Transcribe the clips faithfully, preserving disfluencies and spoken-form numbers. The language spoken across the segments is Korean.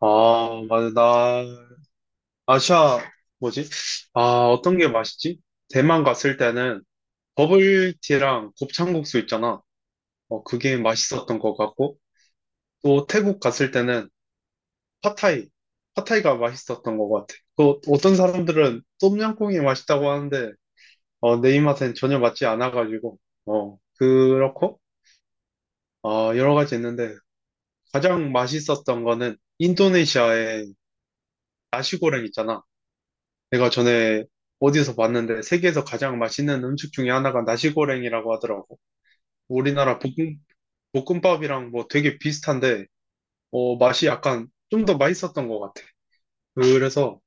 아, 맞아. 나, 아시아, 뭐지? 아, 어떤 게 맛있지? 대만 갔을 때는 버블티랑 곱창국수 있잖아. 어, 그게 맛있었던 것 같고, 또 태국 갔을 때는 팟타이. 팟타이가 맛있었던 것 같아. 또 어떤 사람들은 똠양꿍이 맛있다고 하는데, 어, 내 입맛엔 전혀 맞지 않아가지고, 어, 그렇고, 어, 여러 가지 있는데, 가장 맛있었던 거는 인도네시아의 나시고랭 있잖아. 내가 전에 어디서 봤는데 세계에서 가장 맛있는 음식 중에 하나가 나시고랭이라고 하더라고. 우리나라 볶음, 볶음밥이랑 뭐 되게 비슷한데, 어, 맛이 약간 좀 더 맛있었던 것 같아. 그래서,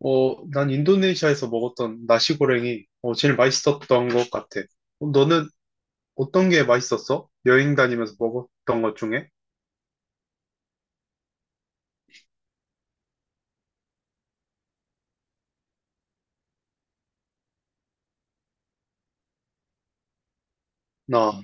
어, 난 인도네시아에서 먹었던 나시고랭이, 어, 제일 맛있었던 것 같아. 어, 너는 어떤 게 맛있었어? 여행 다니면서 먹었던 것 중에? 나,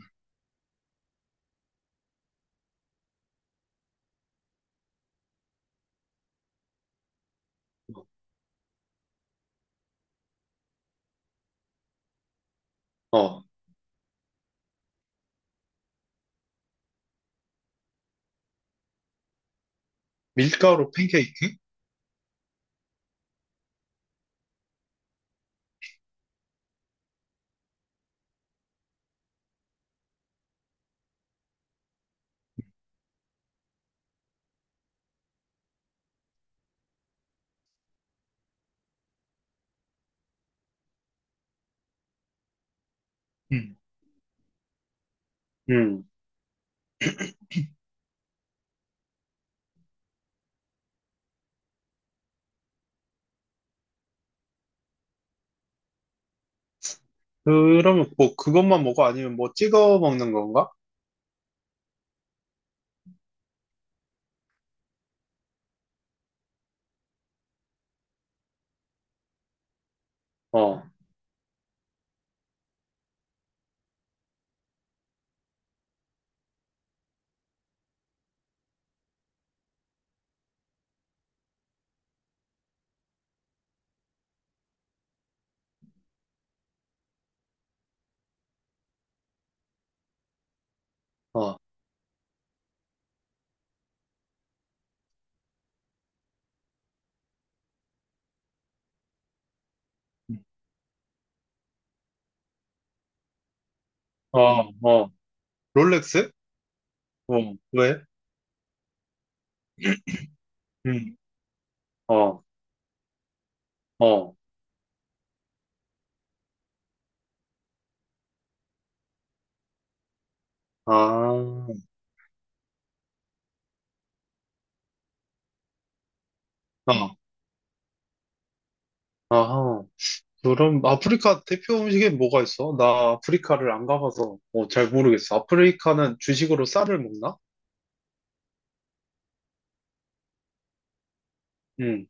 어, 밀가루 팬케이크. 음. 음. 그러면 뭐 그것만 먹어? 아니면 뭐 찍어 먹는 건가? 어, 어. 어, 어, 롤렉스? 어, 왜? 음, 어, 어, 아, 아 아하. 그럼 아프리카 대표 음식에 뭐가 있어? 나 아프리카를 안 가봐서 어, 잘 모르겠어. 아프리카는 주식으로 쌀을 먹나? 응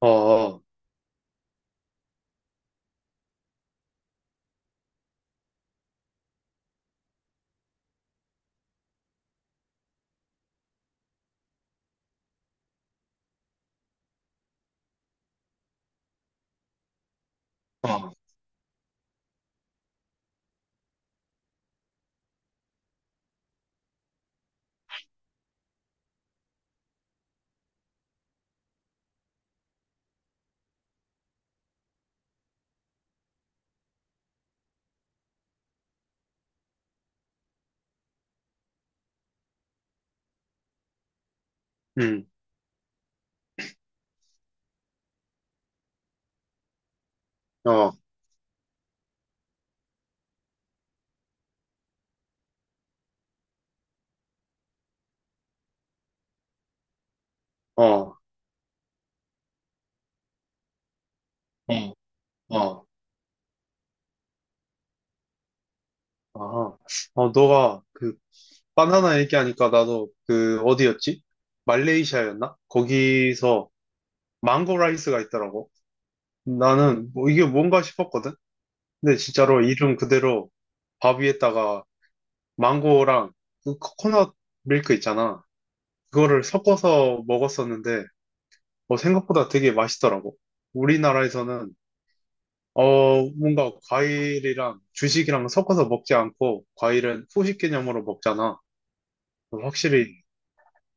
어, 어, 어, 응, 어, 어, 어, 어, 아, 어, 너가 그 바나나 얘기하니까 나도 그 어디였지? 말레이시아였나? 거기서 망고 라이스가 있더라고. 나는 뭐 이게 뭔가 싶었거든. 근데 진짜로 이름 그대로 밥 위에다가 망고랑 그 코코넛 밀크 있잖아. 그거를 섞어서 먹었었는데, 어, 생각보다 되게 맛있더라고. 우리나라에서는, 어, 뭔가 과일이랑 주식이랑 섞어서 먹지 않고, 과일은 후식 개념으로 먹잖아. 확실히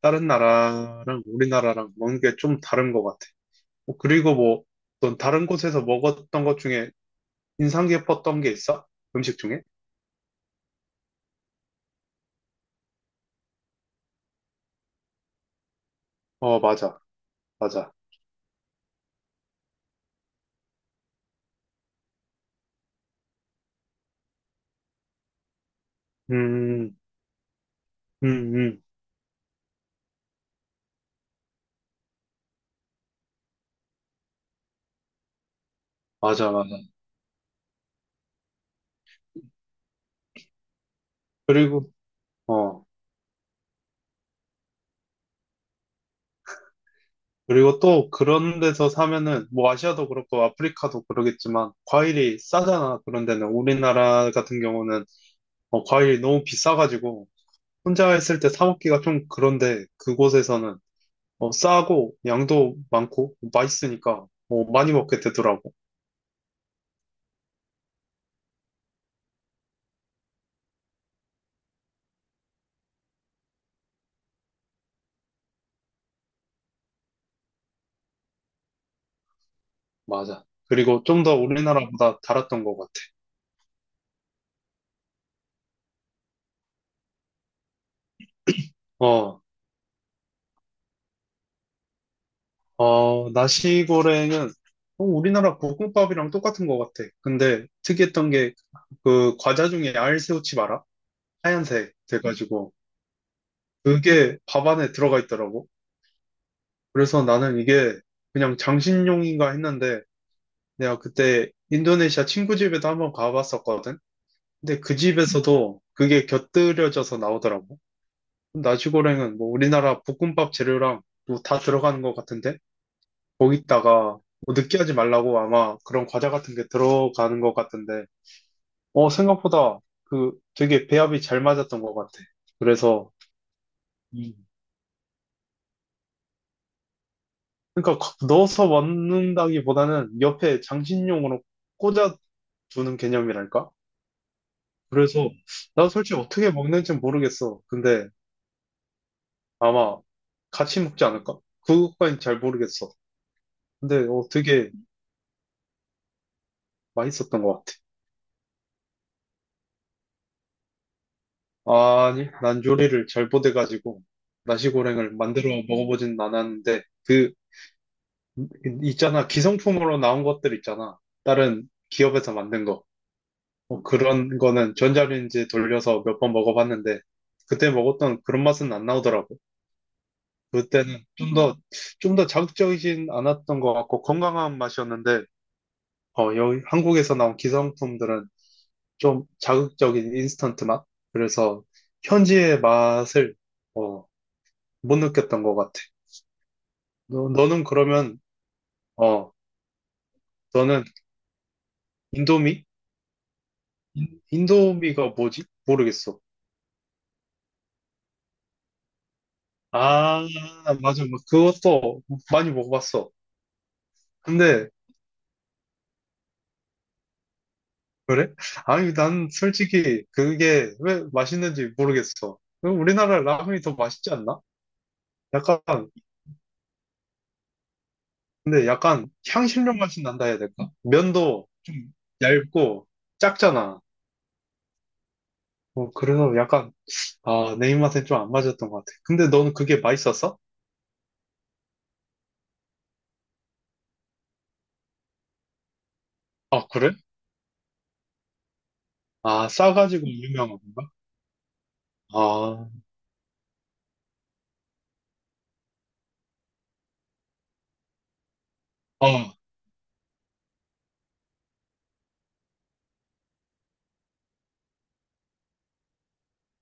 다른 나라랑 우리나라랑 먹는 게 좀 다른 것 같아. 어, 그리고 뭐, 넌 다른 곳에서 먹었던 것 중에 인상 깊었던 게 있어? 음식 중에? 어, 맞아, 맞아. 음, 음, 음. 맞아, 맞아. 그리고, 어, 그리고 또 그런 데서 사면은, 뭐 아시아도 그렇고 아프리카도 그러겠지만, 과일이 싸잖아. 그런 데는. 우리나라 같은 경우는, 어, 과일이 너무 비싸가지고, 혼자 했을 때 사 먹기가 좀 그런데, 그곳에서는, 어, 싸고, 양도 많고, 맛있으니까, 어, 많이 먹게 되더라고. 맞아. 그리고 좀 더 우리나라보다 달았던 것 같아. 어. 어, 나시고랭은 어, 우리나라 볶음밥이랑 똑같은 것 같아. 근데 특이했던 게 그 과자 중에 알새우칩 알아? 하얀색 돼가지고 그게 밥 안에 들어가 있더라고. 그래서 나는 이게 그냥 장식용인가 했는데 내가 그때 인도네시아 친구 집에도 한번 가봤었거든. 근데 그 집에서도 그게 곁들여져서 나오더라고. 나시고랭은 뭐 우리나라 볶음밥 재료랑 뭐 다 들어가는 것 같은데? 거기다가 뭐 느끼하지 말라고 아마 그런 과자 같은 게 들어가는 것 같은데, 어, 생각보다 그 되게 배합이 잘 맞았던 것 같아. 그래서, 음. 그러니까 거- 넣어서 먹는다기보다는 옆에 장식용으로 꽂아두는 개념이랄까? 그래서 나도 솔직히 어떻게 먹는지 모르겠어. 근데 아마 같이 먹지 않을까? 그것까진 잘 모르겠어. 근데 어, 되게 맛있었던 것 같아. 아니, 난 요리를 잘 못해가지고 나시고랭을 만들어 먹어보진 않았는데 그 있잖아 기성품으로 나온 것들 있잖아 다른 기업에서 만든 거 어, 그런 거는 전자레인지에 돌려서 몇 번 먹어봤는데 그때 먹었던 그런 맛은 안 나오더라고 그때는 좀 더 좀 더 자극적이진 않았던 것 같고 건강한 맛이었는데 어, 여기 한국에서 나온 기성품들은 좀 자극적인 인스턴트 맛 그래서 현지의 맛을 어, 못 느꼈던 것 같아. 너, 너는 그러면, 어, 너는 인도미? 인, 인도미가 뭐지? 모르겠어. 아, 맞아. 뭐 그것도 많이 먹어봤어. 근데, 그래? 아니, 난 솔직히 그게 왜 맛있는지 모르겠어. 그럼 우리나라 라면이 더 맛있지 않나? 약간, 근데 약간 향신료 맛이 난다 해야 될까? 면도 좀 얇고 작잖아. 어, 그래서 약간, 아, 내 입맛엔 좀 안 맞았던 것 같아. 근데 너는 그게 맛있었어? 아, 그래? 아, 싸가지고 유명한 건가? 아, 어,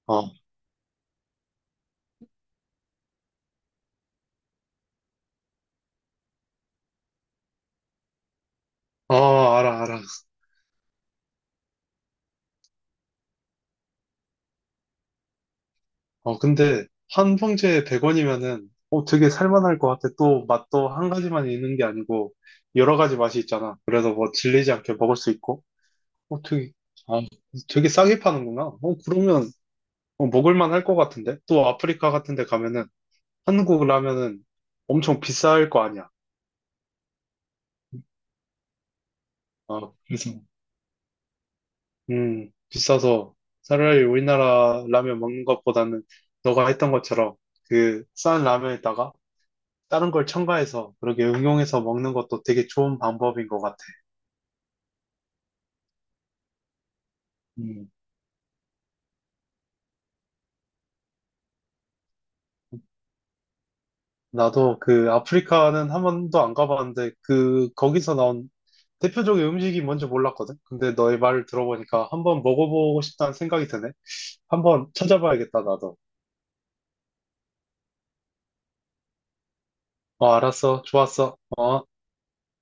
어, 어, 알아, 알아. 어, 근데 한 봉지에 백 원이면은, 어, 되게 살만할 것 같아. 또 맛도 한 가지만 있는 게 아니고, 여러 가지 맛이 있잖아. 그래서 뭐 질리지 않게 먹을 수 있고, 어, 되게, 아, 되게 싸게 파는구나. 어, 그러면, 어, 먹을만 할 것 같은데? 또 아프리카 같은 데 가면은, 한국 라면은 엄청 비쌀 거 아니야. 아, 그래서 음, 비싸서 차라리 우리나라 라면 먹는 것보다는 너가 했던 것처럼 그 싼 라면에다가 다른 걸 첨가해서 그렇게 응용해서 먹는 것도 되게 좋은 방법인 것 같아. 음, 나도 그 아프리카는 한 번도 안 가봤는데 그 거기서 나온 대표적인 음식이 뭔지 몰랐거든. 근데 너의 말을 들어보니까 한번 먹어보고 싶다는 생각이 드네. 한번 찾아봐야겠다, 나도. 어, 알았어. 좋았어. 어.